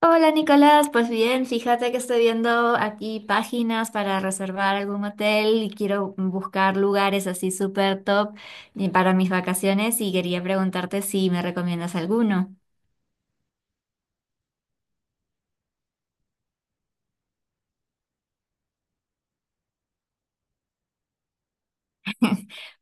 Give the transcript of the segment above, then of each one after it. Hola Nicolás, pues bien, fíjate que estoy viendo aquí páginas para reservar algún hotel y quiero buscar lugares así súper top y para mis vacaciones y quería preguntarte si me recomiendas alguno.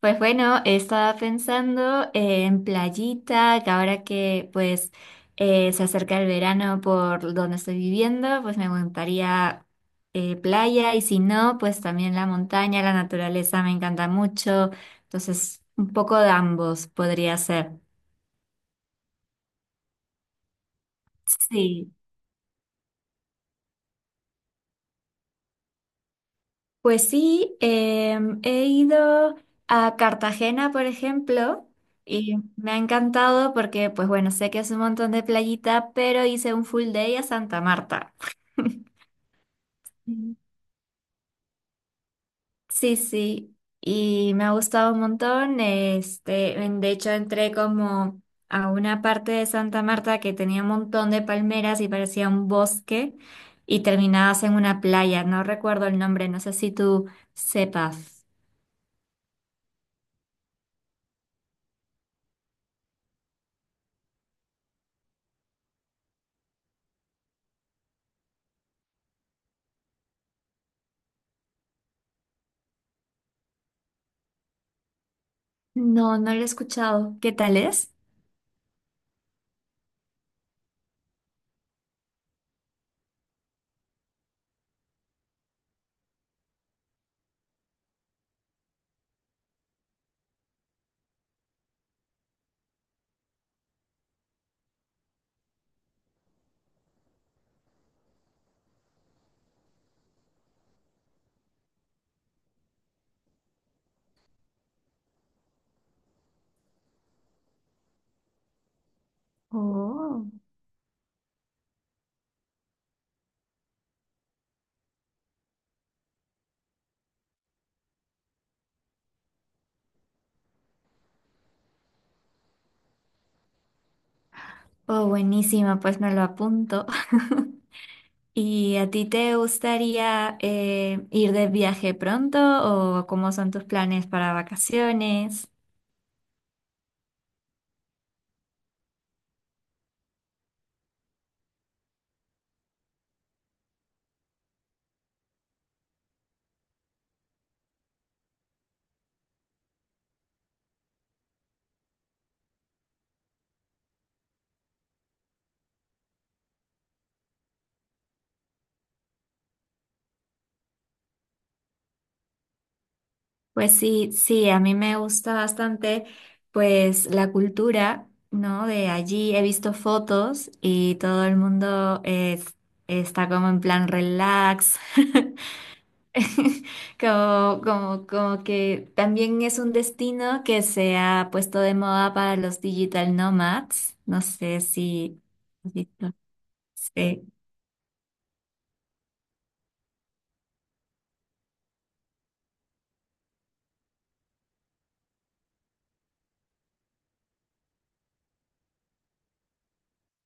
Pues bueno, estaba pensando en playita, que ahora que pues se acerca el verano por donde estoy viviendo, pues me gustaría playa y si no, pues también la montaña, la naturaleza me encanta mucho, entonces un poco de ambos podría ser. Sí. Pues sí, he ido a Cartagena, por ejemplo, y me ha encantado porque, pues bueno, sé que es un montón de playita, pero hice un full day a Santa Marta. Mm. Sí, sí, y me ha gustado un montón. Este, de hecho, entré como a una parte de Santa Marta que tenía un montón de palmeras y parecía un bosque, y terminabas en una playa. No recuerdo el nombre, no sé si tú sepas. No, no lo he escuchado. ¿Qué tal es? Oh. Oh, buenísima, pues me lo apunto. ¿Y a ti te gustaría ir de viaje pronto o cómo son tus planes para vacaciones? Pues sí, sí, a mí me gusta bastante pues la cultura, ¿no? De allí he visto fotos y todo el mundo es- está como en plan relax. Como que también es un destino que se ha puesto de moda para los digital nomads. No sé si has visto. Sí.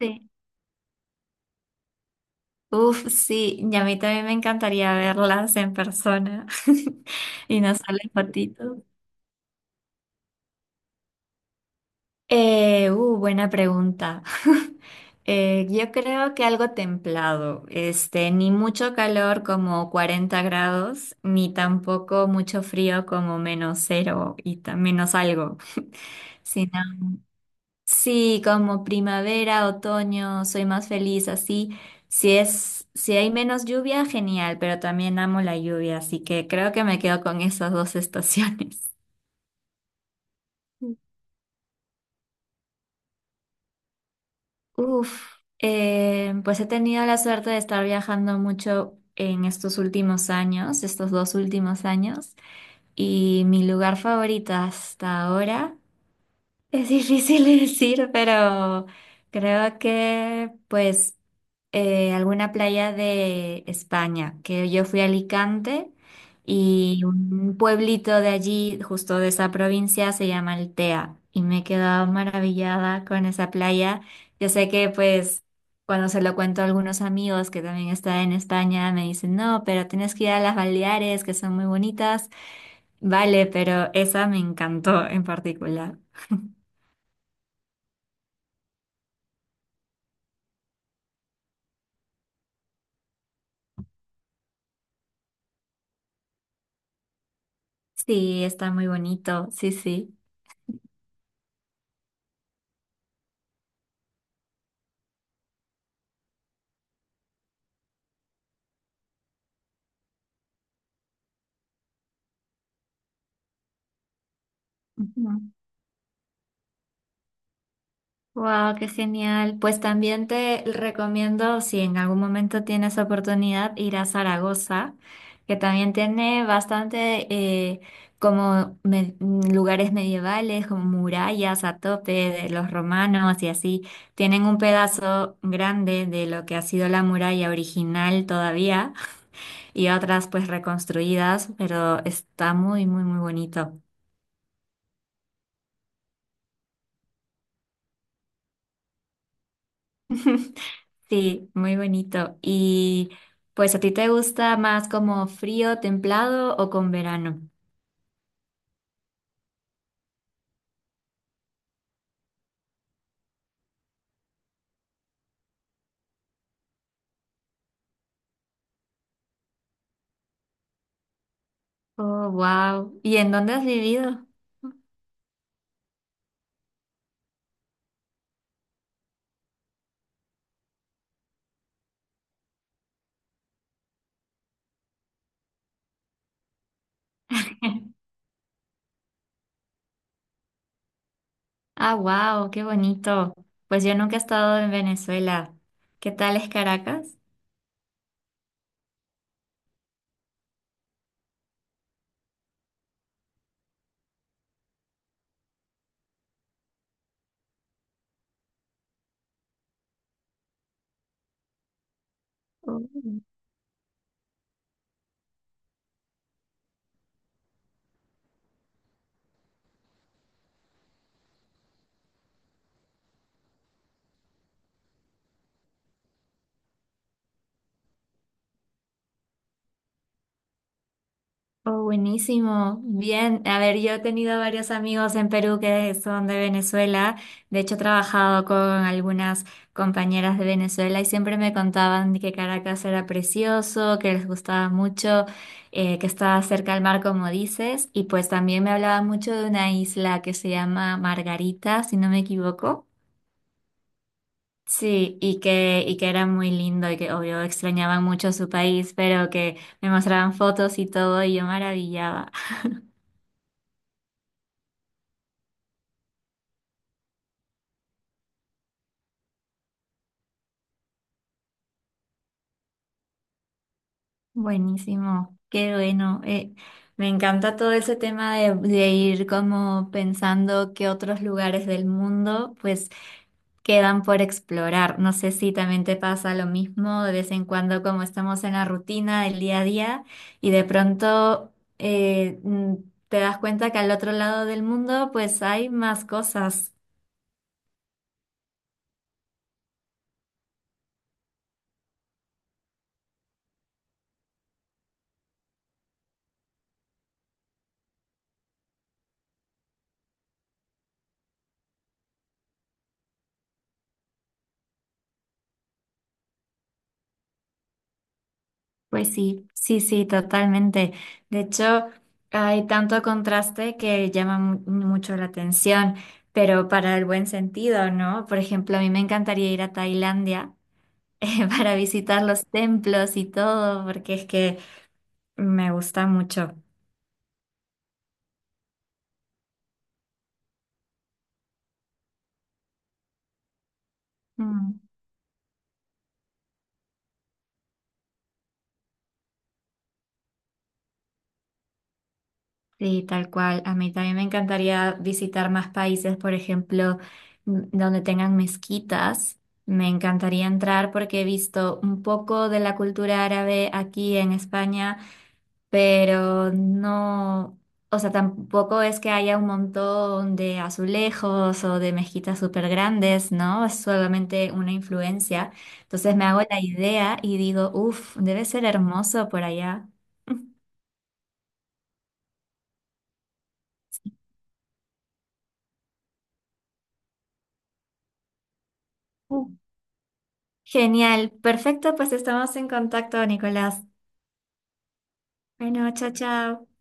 Sí. Uf, sí, y a mí también me encantaría verlas en persona y no solo en fotitos. Buena pregunta. Yo creo que algo templado, ni mucho calor como 40 grados, ni tampoco mucho frío como menos cero y menos algo, sino sí, como primavera, otoño, soy más feliz así. Si es, si hay menos lluvia, genial, pero también amo la lluvia, así que creo que me quedo con esas dos estaciones. Uf, pues he tenido la suerte de estar viajando mucho en estos últimos años, estos dos últimos años, y mi lugar favorito hasta ahora. Es difícil decir, pero creo que pues alguna playa de España, que yo fui a Alicante y un pueblito de allí, justo de esa provincia, se llama Altea y me he quedado maravillada con esa playa. Yo sé que pues cuando se lo cuento a algunos amigos que también están en España, me dicen, no, pero tienes que ir a las Baleares, que son muy bonitas. Vale, pero esa me encantó en particular. Sí, está muy bonito, sí, sí. Wow, qué genial. Pues también te recomiendo, si en algún momento tienes oportunidad, ir a Zaragoza, que también tiene bastante como lugares medievales, como murallas a tope de los romanos y así. Tienen un pedazo grande de lo que ha sido la muralla original todavía y otras pues reconstruidas, pero está muy, muy, muy bonito. Sí, muy bonito. Y pues, ¿a ti te gusta más como frío, templado o con verano? Oh, wow. ¿Y en dónde has vivido? Ah, wow, qué bonito. Pues yo nunca he estado en Venezuela. ¿Qué tal es Caracas? Oh. Oh, buenísimo. Bien. A ver, yo he tenido varios amigos en Perú que son de Venezuela. De hecho, he trabajado con algunas compañeras de Venezuela y siempre me contaban que Caracas era precioso, que les gustaba mucho, que estaba cerca al mar, como dices. Y pues también me hablaban mucho de una isla que se llama Margarita, si no me equivoco. Sí, y que era muy lindo y que obvio extrañaban mucho su país, pero que me mostraban fotos y todo y yo maravillaba. Buenísimo, qué bueno. Me encanta todo ese tema de ir como pensando qué otros lugares del mundo pues quedan por explorar. No sé si también te pasa lo mismo de vez en cuando como estamos en la rutina del día a día y de pronto eh, mm, te das cuenta que al otro lado del mundo pues hay más cosas. Pues sí, sí, sí, totalmente. De hecho, hay tanto contraste que llama mucho la atención, pero para el buen sentido, ¿no? Por ejemplo, a mí me encantaría ir a Tailandia para visitar los templos y todo, porque es que me gusta mucho. Mm. Sí, tal cual. A mí también me encantaría visitar más países, por ejemplo, donde tengan mezquitas. Me encantaría entrar porque he visto un poco de la cultura árabe aquí en España, pero no, o sea, tampoco es que haya un montón de azulejos o de mezquitas súper grandes, ¿no? Es solamente una influencia. Entonces me hago la idea y digo, uff, debe ser hermoso por allá. Genial, perfecto, pues estamos en contacto, Nicolás. Bueno, chao, chao.